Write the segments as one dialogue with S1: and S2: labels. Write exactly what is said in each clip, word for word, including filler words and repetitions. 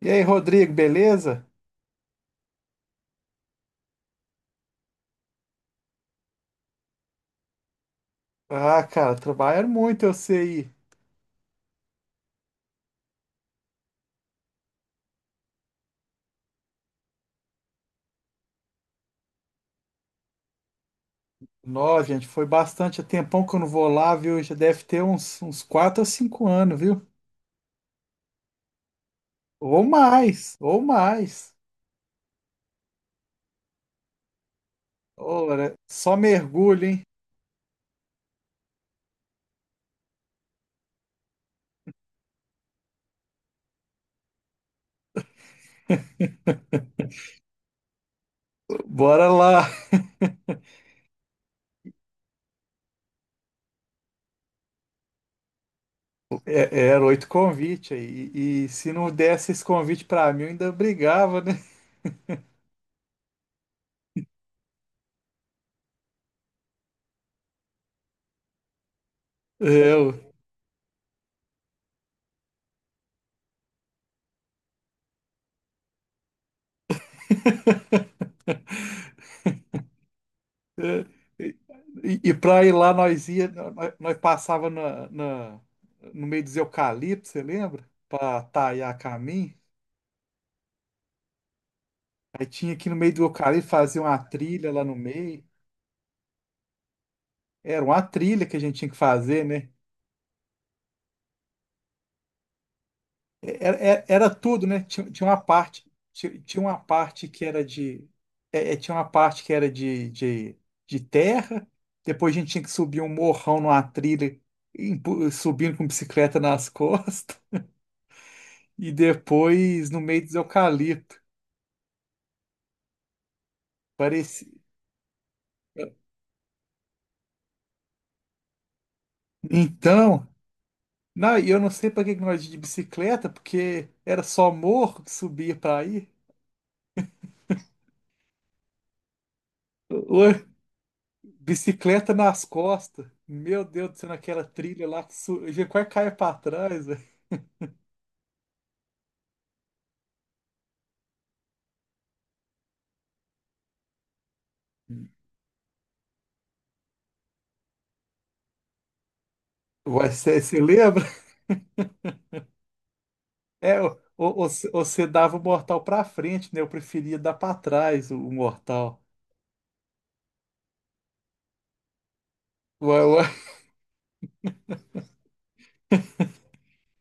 S1: E aí, Rodrigo, beleza? Ah, cara, trabalharam muito, eu sei. Nós, gente, foi bastante. Há tempão que eu não vou lá, viu? Já deve ter uns, uns quatro ou cinco anos, viu? Ou mais, ou mais. Ora, só mergulho, hein? Bora lá. É, era oito convites aí. E, e se não desse esse convite pra mim, eu ainda brigava, né? É, eu. Eh, E, e para ir lá, nós ia, nós, nós passava na, na- no meio dos eucaliptos, você lembra? Para taiar caminho. Aí tinha aqui no meio do eucalipto fazer uma trilha lá no meio. Era uma trilha que a gente tinha que fazer, né? Era, era, é, era tudo, né? Tinha, tinha uma parte, tinha, tinha uma parte que era de, é, é, tinha uma parte que era de, de, de terra. Depois a gente tinha que subir um morrão numa trilha, empu- subindo com bicicleta nas costas. E depois no meio dos eucalipto. Parecia. Então, não, e eu não sei para que que nós ia de bicicleta, porque era só morro que subia para aí. Ô, bicicleta nas costas. Meu Deus do céu, naquela trilha lá que su... eu já quase caia para trás, velho. Ué, você lembra? É, o- o- o- você dava o mortal para frente, né? Eu preferia dar para trás o, o mortal. Ué, ué.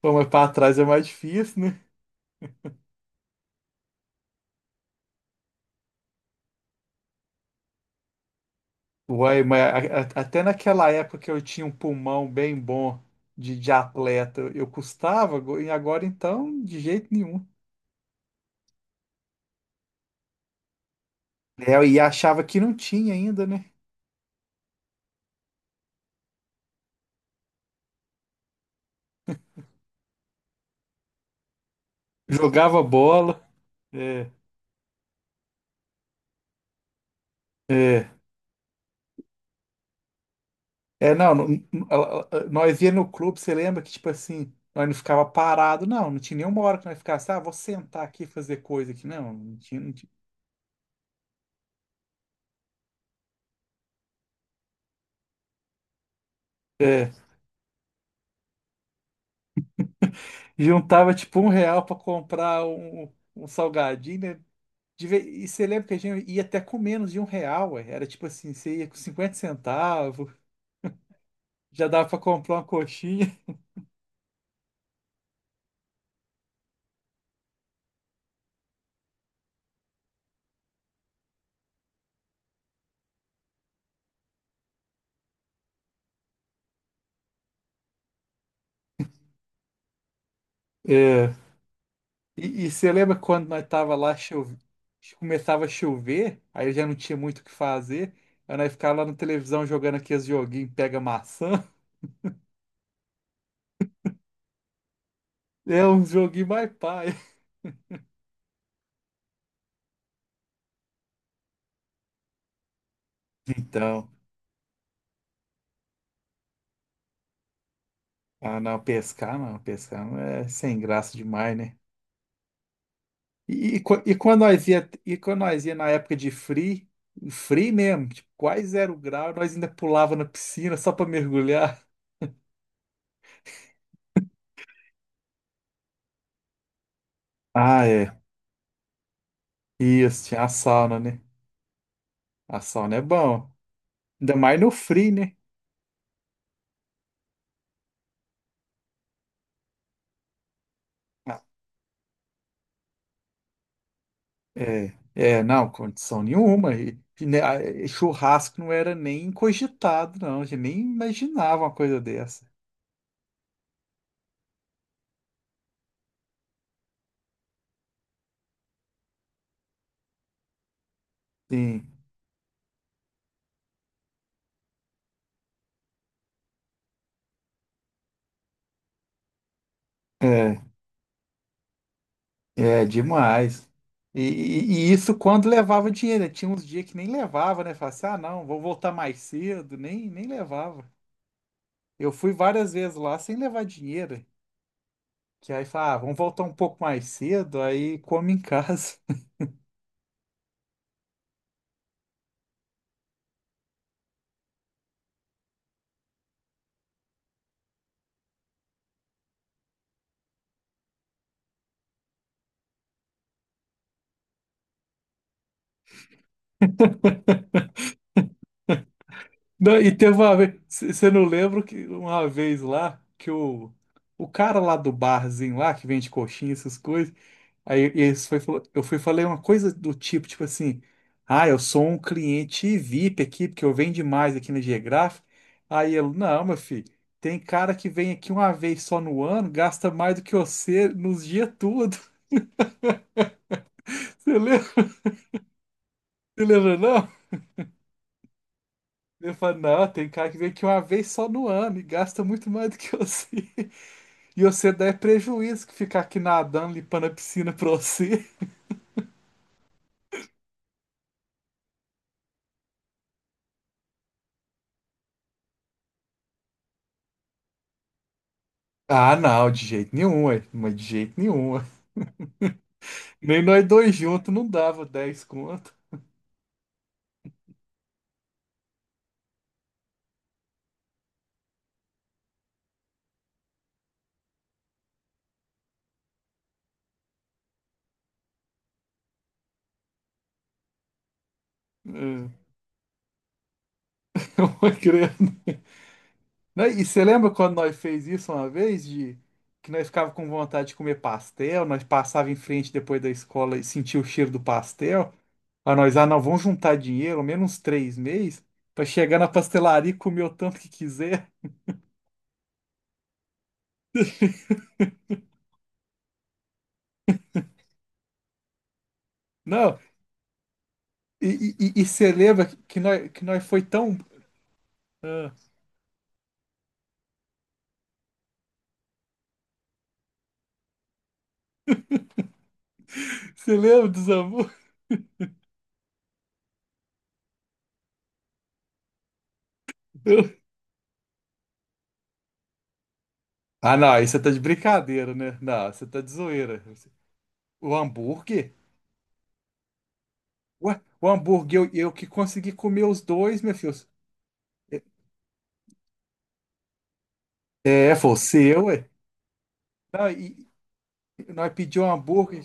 S1: Pô, mas para trás é mais difícil, né? Uai, mas a- a- até naquela época que eu tinha um pulmão bem bom de, de atleta, eu custava, go- e agora então, de jeito nenhum. É, e achava que não tinha ainda, né? Jogava bola. É, é. É, não, não- não- a- a- nós ia no clube, você lembra que, tipo assim, nós não ficava parado, não, não tinha nenhuma hora que nós ficasse, ah, vou sentar aqui e fazer coisa aqui. Não, não tinha, não tinha. É, juntava tipo um real para comprar um, um um salgadinho, né? De ve- E você lembra que a gente ia até com menos de um real, ué? Era tipo assim, você ia com cinquenta centavos, já dava pra comprar uma coxinha. É. E, e você lembra quando nós tava lá, chove... começava a chover, aí já não tinha muito o que fazer, aí nós ficava lá na televisão jogando aqueles joguinhos, pega maçã. É um joguinho mais pai. Então, ah não, pescar não, pescar não é sem graça demais, né? E, e, qua- e quando nós ia, e quando nós ia na época de free, free mesmo, tipo, quase zero grau, nós ainda pulava na piscina só pra mergulhar. Ah, é. Isso, tinha a sauna, né? A sauna é bom. Ainda mais no free, né? Ah, é, é, não, condição nenhuma. E, e, né, a- e churrasco não era nem cogitado, não. A gente nem imaginava uma coisa dessa. Sim. É. É, demais. E, e- e isso quando levava dinheiro, né? Tinha uns dias que nem levava, né? Falava assim, ah, não, vou voltar mais cedo. Nem, nem levava. Eu fui várias vezes lá sem levar dinheiro. Que aí fala, ah, vamos voltar um pouco mais cedo, aí come em casa. Não, e teve uma vez, você não lembra que uma vez lá, que o, o cara lá do barzinho lá, que vende coxinha, essas coisas, aí eles foi, falou- eu fui e falei uma coisa do tipo, tipo, assim, ah, eu sou um cliente VIP aqui, porque eu venho demais aqui na Geográfica. Aí ele, não, meu filho, tem cara que vem aqui uma vez só no ano, gasta mais do que você nos dias tudo. Você lembra, você lembra não? Ele falou, não, tem cara que vem aqui uma vez só no ano e gasta muito mais do que você. E você dá é prejuízo que ficar aqui nadando, limpando a piscina pra você. Ah, não, de jeito nenhum, ué, mas de jeito nenhum. Nem nós dois juntos não dava dez conto. É, uma criança. Né, e você lembra quando nós fez isso uma vez, de que nós ficava com vontade de comer pastel, nós passava em frente depois da escola e sentia o cheiro do pastel. Aí nós, ah, não, vamos juntar dinheiro, ao menos uns três meses, para chegar na pastelaria e comer o tanto que quiser. Não, e, e, e você lembra que nós, que nós foi tão. Ah, você lembra dos amores? Ah, não, aí você tá de brincadeira, né? Não, você tá de zoeira. O hambúrguer? Ué, o hambúrguer, eu, eu que consegui comer os dois, meu filho. É, foi o seu, ué. Não, e, e nós pedimos um hambúrguer.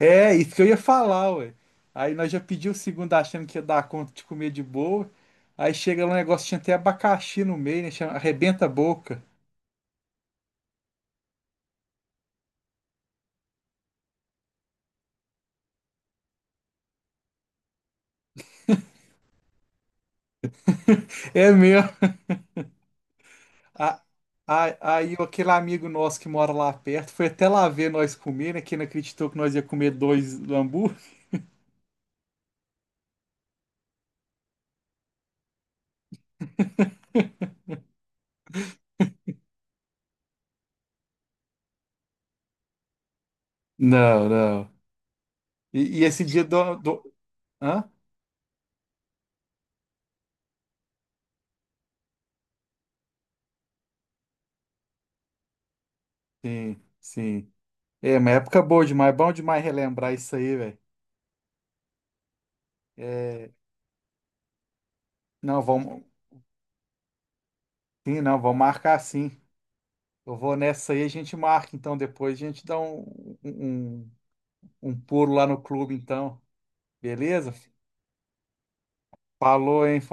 S1: É, isso que eu ia falar, ué. Aí nós já pedimos o segundo achando que ia dar conta de comer de boa. Aí chega lá um negócio, tinha até abacaxi no meio, né? Chama, arrebenta a boca. É mesmo. A- a- Aí aquele amigo nosso que mora lá perto foi até lá ver nós comer, né? Que não acreditou que nós ia comer dois do hambúrguer. Não, não. E, e esse dia do, do... Hã? Sim, sim. É, uma época boa demais. Bom demais relembrar isso aí, velho. É, não, vamos. Sim, não, vamos marcar sim. Eu vou nessa aí, a gente marca então depois. A gente dá um, um, um um pulo lá no clube, então. Beleza? Falou, hein?